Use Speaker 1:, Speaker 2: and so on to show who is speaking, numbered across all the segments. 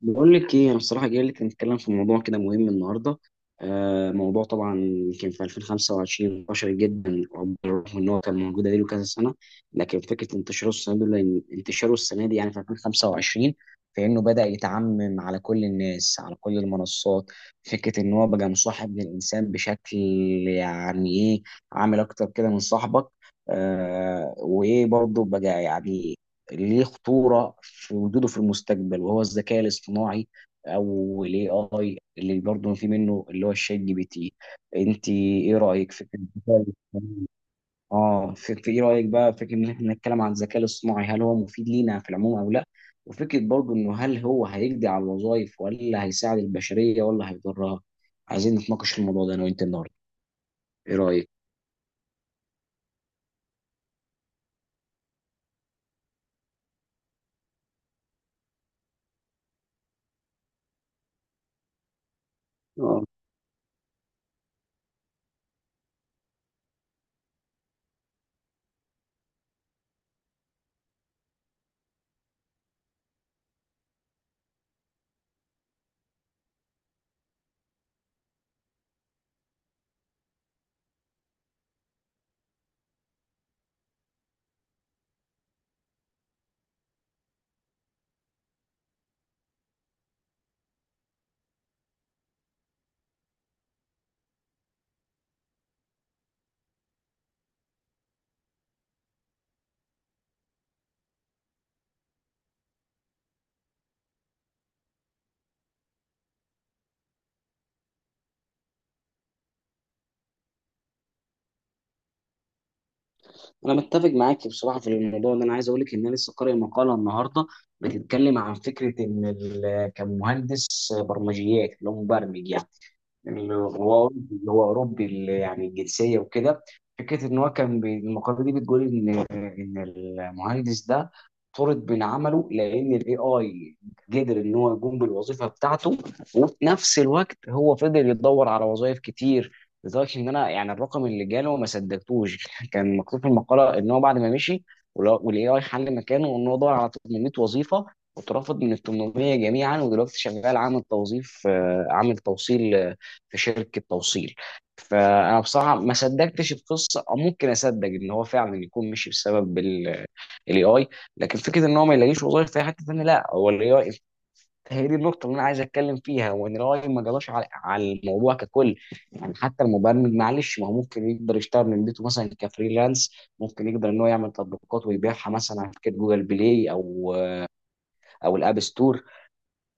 Speaker 1: بقول لك ايه انا الصراحه جاي لك نتكلم في موضوع كده مهم النهارده. آه، موضوع طبعا كان في 2025 انتشر جدا، رغم ان هو كان موجود بقاله كذا سنه. لكن فكره انتشاره السنه دي انتشاره السنه دي يعني في 2025، فانه بدا يتعمم على كل الناس على كل المنصات. فكره ان هو بقى مصاحب للانسان بشكل، يعني ايه، عامل اكتر كده من صاحبك. آه، وايه برضه بقى يعني ليه خطورة في وجوده في المستقبل؟ وهو الذكاء الاصطناعي او الاي اي اللي برضه في منه اللي هو الشات جي بي تي. انت ايه رأيك في الذكاء الاصطناعي؟ اه، في ايه رأيك بقى فكرة ان احنا نتكلم عن الذكاء الاصطناعي؟ هل هو مفيد لينا في العموم او لا؟ وفكرة برضه انه هل هو هيقضي على الوظائف ولا هيساعد البشرية ولا هيضرها؟ عايزين نتناقش في الموضوع ده انا وانت النهارده. ايه رأيك؟ انا متفق معاك بصراحه في الموضوع ده. انا عايز اقول لك ان انا لسه قارئ مقاله النهارده بتتكلم عن فكره ان كمهندس برمجيات اللي هو مبرمج، يعني الغوار اللي هو اوروبي اللي يعني الجنسيه وكده. فكره ان هو كان المقاله دي بتقول ان المهندس ده طرد من عمله لان الاي اي قدر ان هو يقوم بالوظيفه بتاعته. وفي نفس الوقت هو فضل يدور على وظائف كتير، لدرجه ان انا يعني الرقم اللي جاله ما صدقتوش. كان مكتوب في المقاله ان هو بعد ما مشي والاي اي حل مكانه، ان هو دور على 800 وظيفه، واترفض من ال 800 جميعا، ودلوقتي شغال عامل توظيف، عامل توصيل في شركه توصيل. فانا بصراحه ما صدقتش القصه، او ممكن اصدق ان هو فعلا يكون مشي بسبب الاي اي، لكن فكره ان هو ما يلاقيش وظايف في أي حته ثانيه لا هو الاي اي. هي دي النقطه اللي انا عايز اتكلم فيها، وان الاي ما جراش على الموضوع ككل. يعني حتى المبرمج، معلش، ما هو ممكن يقدر يشتغل من بيته مثلا كفريلانس، ممكن يقدر ان هو يعمل تطبيقات ويبيعها مثلا على شركه جوجل بلاي او الاب ستور.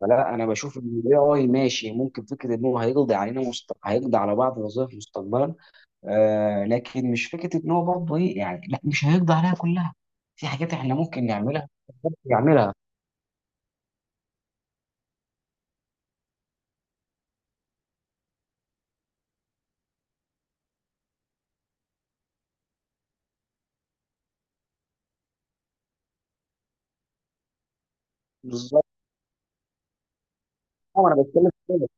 Speaker 1: فلا، انا بشوف ان الاي اي ماشي. ممكن فكره ان هو هيقضي علينا هيقضي على بعض الوظائف مستقبلا. آه، لكن مش فكره ان هو برضه ايه يعني، لا، مش هيقضي عليها كلها. في حاجات احنا ممكن نعملها، ممكن نعملها. بالظبط. انا بتكلم في كده.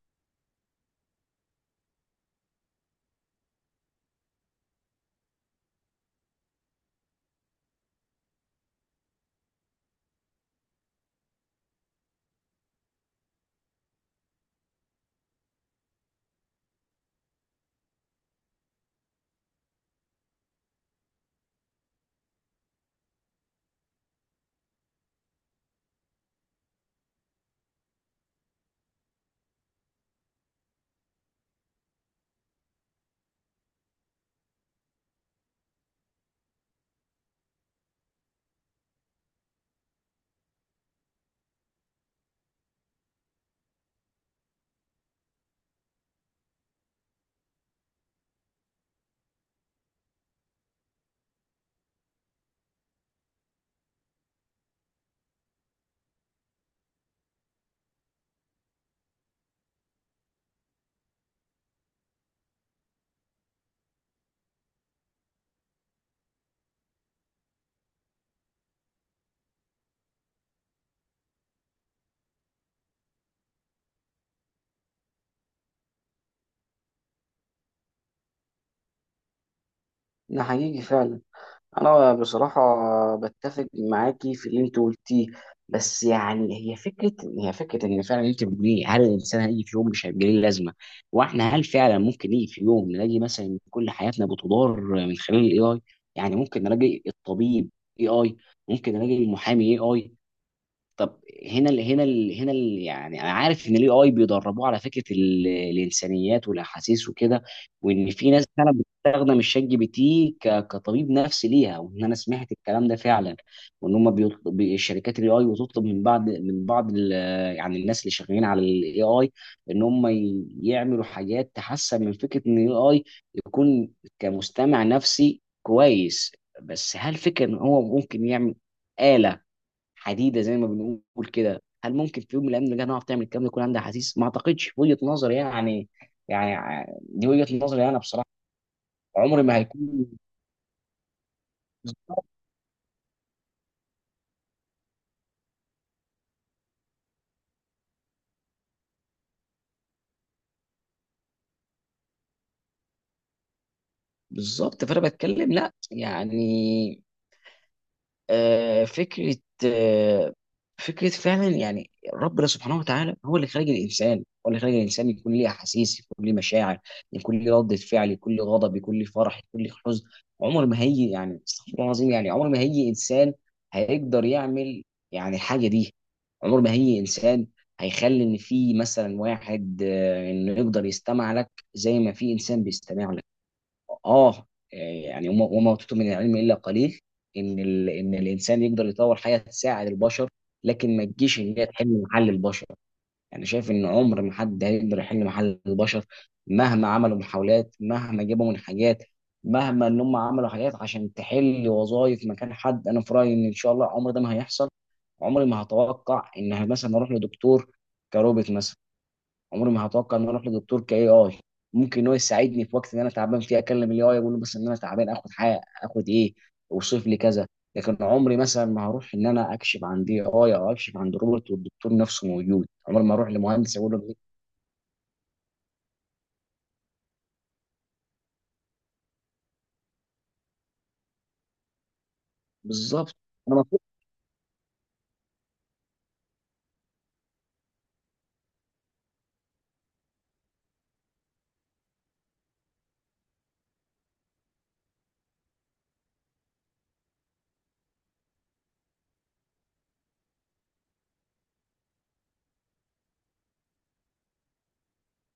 Speaker 1: ده حقيقي فعلا. انا بصراحه بتفق معاكي في اللي انت قلتيه، بس يعني هي فكره، هي فكره ان فعلا انت بتقوليه هل الانسان هيجي في يوم مش هيبقى ليه لازمه؟ واحنا هل فعلا ممكن يجي في يوم نلاقي مثلا إن كل حياتنا بتدار من خلال الاي اي؟ يعني ممكن نلاقي الطبيب اي اي، ممكن نلاقي المحامي اي اي. طب، هنا ال هنا ال هنا ال يعني انا عارف ان الاي اي بيدربوه على فكره الانسانيات والاحاسيس وكده. وان في ناس فعلا بتستخدم الشات جي بي تي كطبيب نفسي ليها، وان انا سمعت الكلام ده فعلا. وان هم بيطلب الشركات الاي اي بتطلب من بعض يعني الناس اللي شغالين على الاي اي ان هم يعملوا حاجات تحسن من فكره ان الاي اي يكون كمستمع نفسي كويس. بس هل فكره ان هو ممكن يعمل آلة حديده زي ما بنقول كده، هل ممكن في يوم من الايام نلقاها نعرف تعمل الكلام ده يكون عندها احاسيس؟ ما اعتقدش في وجهه نظري يعني. يعني دي وجهه نظري انا بصراحه. عمري ما هيكون. بالظبط. بالظبط، فانا بتكلم لا يعني، آه، فكرة آه، فكرة فعلا يعني ربنا سبحانه وتعالى هو اللي خلق الإنسان. هو اللي خلق الإنسان يكون ليه أحاسيس، يكون ليه مشاعر، يكون ليه ردة فعل، يكون ليه غضب، يكون ليه فرح، يكون ليه حزن. عمر ما هيجي، يعني استغفر الله العظيم، يعني عمر ما هيجي إنسان هيقدر يعمل يعني الحاجة دي. عمر ما هيجي إنسان هيخلي إن في مثلا واحد، إنه يقدر يستمع لك زي ما في إنسان بيستمع لك. اه يعني وما اوتيتم من العلم الا قليل. ان ان الانسان يقدر يطور حاجه تساعد البشر، لكن ما تجيش ان هي تحل محل البشر. يعني شايف ان عمر ما حد هيقدر يحل محل البشر. مهما عملوا محاولات، مهما جابوا من حاجات، مهما ان هم عملوا حاجات عشان تحل وظائف مكان حد، انا في رايي ان ان شاء الله عمر ده ما هيحصل. عمري ما هتوقع ان مثلا اروح لدكتور كروبوت مثلا. عمري ما هتوقع ان انا اروح لدكتور كاي اي. ممكن هو يساعدني في وقت ان انا تعبان فيه اكلم الاي اي اقول له بس ان انا تعبان، اخد حاجه، اخد ايه، اوصف لي كذا. لكن عمري مثلا ما هروح ان انا اكشف عن دي اي او اكشف عن روبوت والدكتور نفسه موجود. عمري ما اروح لمهندس اقول له إيه؟ بالظبط. انا مفروض.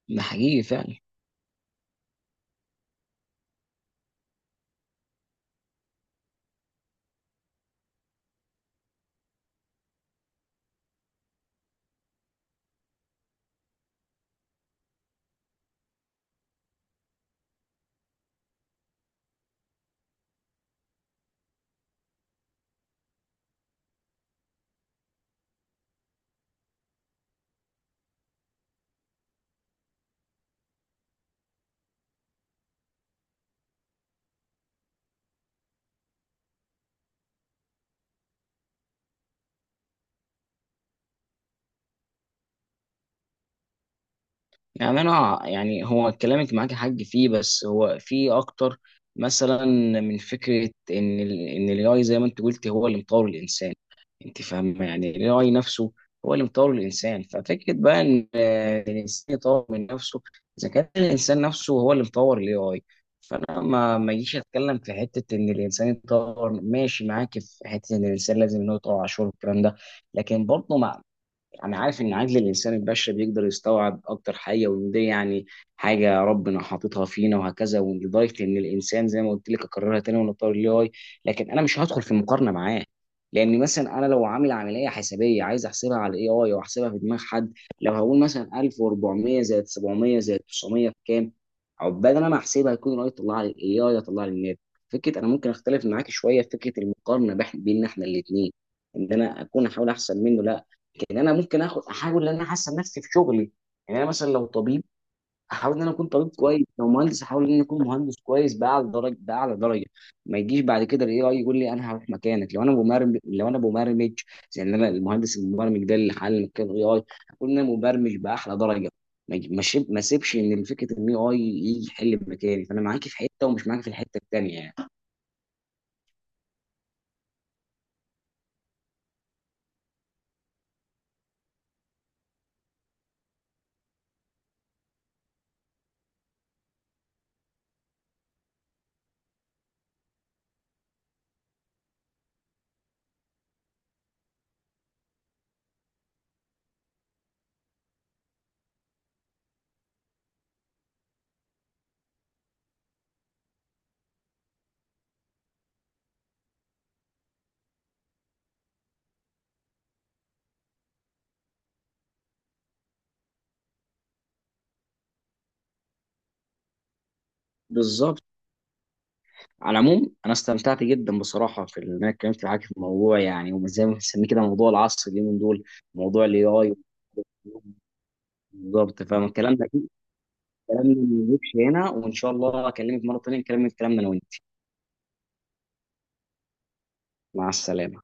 Speaker 1: ده حقيقي فعلا. يعني انا، يعني هو كلامك معاك حق فيه، بس هو فيه اكتر مثلا من فكره ان الاي اي زي ما انت قلت هو اللي مطور الانسان. انت فاهم يعني الاي اي نفسه هو اللي مطور الانسان، ففكره بقى ان، الانسان يطور من نفسه. اذا كان الانسان نفسه هو اللي مطور الاي اي، فانا ما اجيش اتكلم في حته ان الانسان يطور. ماشي معاك في حته ان الانسان لازم ان هو يطور عشوائي والكلام ده. لكن برضه انا عارف ان عقل الانسان البشري بيقدر يستوعب اكتر حاجه، وان دي يعني حاجه ربنا حاططها فينا وهكذا، ولدرجه ان الانسان زي ما قلت لك اكررها تاني ونطور الاي اي. لكن انا مش هدخل في مقارنه معاه. لان مثلا انا لو عامل عمليه حسابيه عايز احسبها على الاي اي او احسبها في دماغ حد، لو هقول مثلا 1400 زائد 700 زائد 900 بكام؟ عقبال انا ما احسبها يكون طلع لي، الاي اي يطلع لي الناتج. فكره انا ممكن اختلف معاك شويه في فكره المقارنه بين احنا الاثنين. ان انا اكون احاول احسن منه. لا، ان انا ممكن اخد احاول ان انا احسن نفسي في شغلي. يعني انا مثلا لو طبيب احاول ان انا اكون طبيب كويس، لو مهندس احاول ان انا اكون مهندس كويس، باعلى درجه، باعلى درجه. ما يجيش بعد كده الاي اي يقول لي انا هروح مكانك. لو انا مبرمج، يعني انا المهندس المبرمج ده اللي حل مكان الاي اي، اكون انا مبرمج باحلى درجه. ما يجي- ما شيب- ما سيبش ان فكره ان الاي اي يجي يحل مكاني. فانا معاكي في حته، ومش معاكي في الحته التانيه يعني. بالظبط. على العموم انا استمتعت جدا بصراحه في ان انا اتكلمت معاك في الموضوع يعني، وزي ما بنسميه كده موضوع العصر اليومين دول، موضوع الاي اي. بالظبط، فالكلام ده كلامنا ما يجيبش هنا، وان شاء الله اكلمك مره تانيه نكمل كلامنا انا وانت. مع السلامه.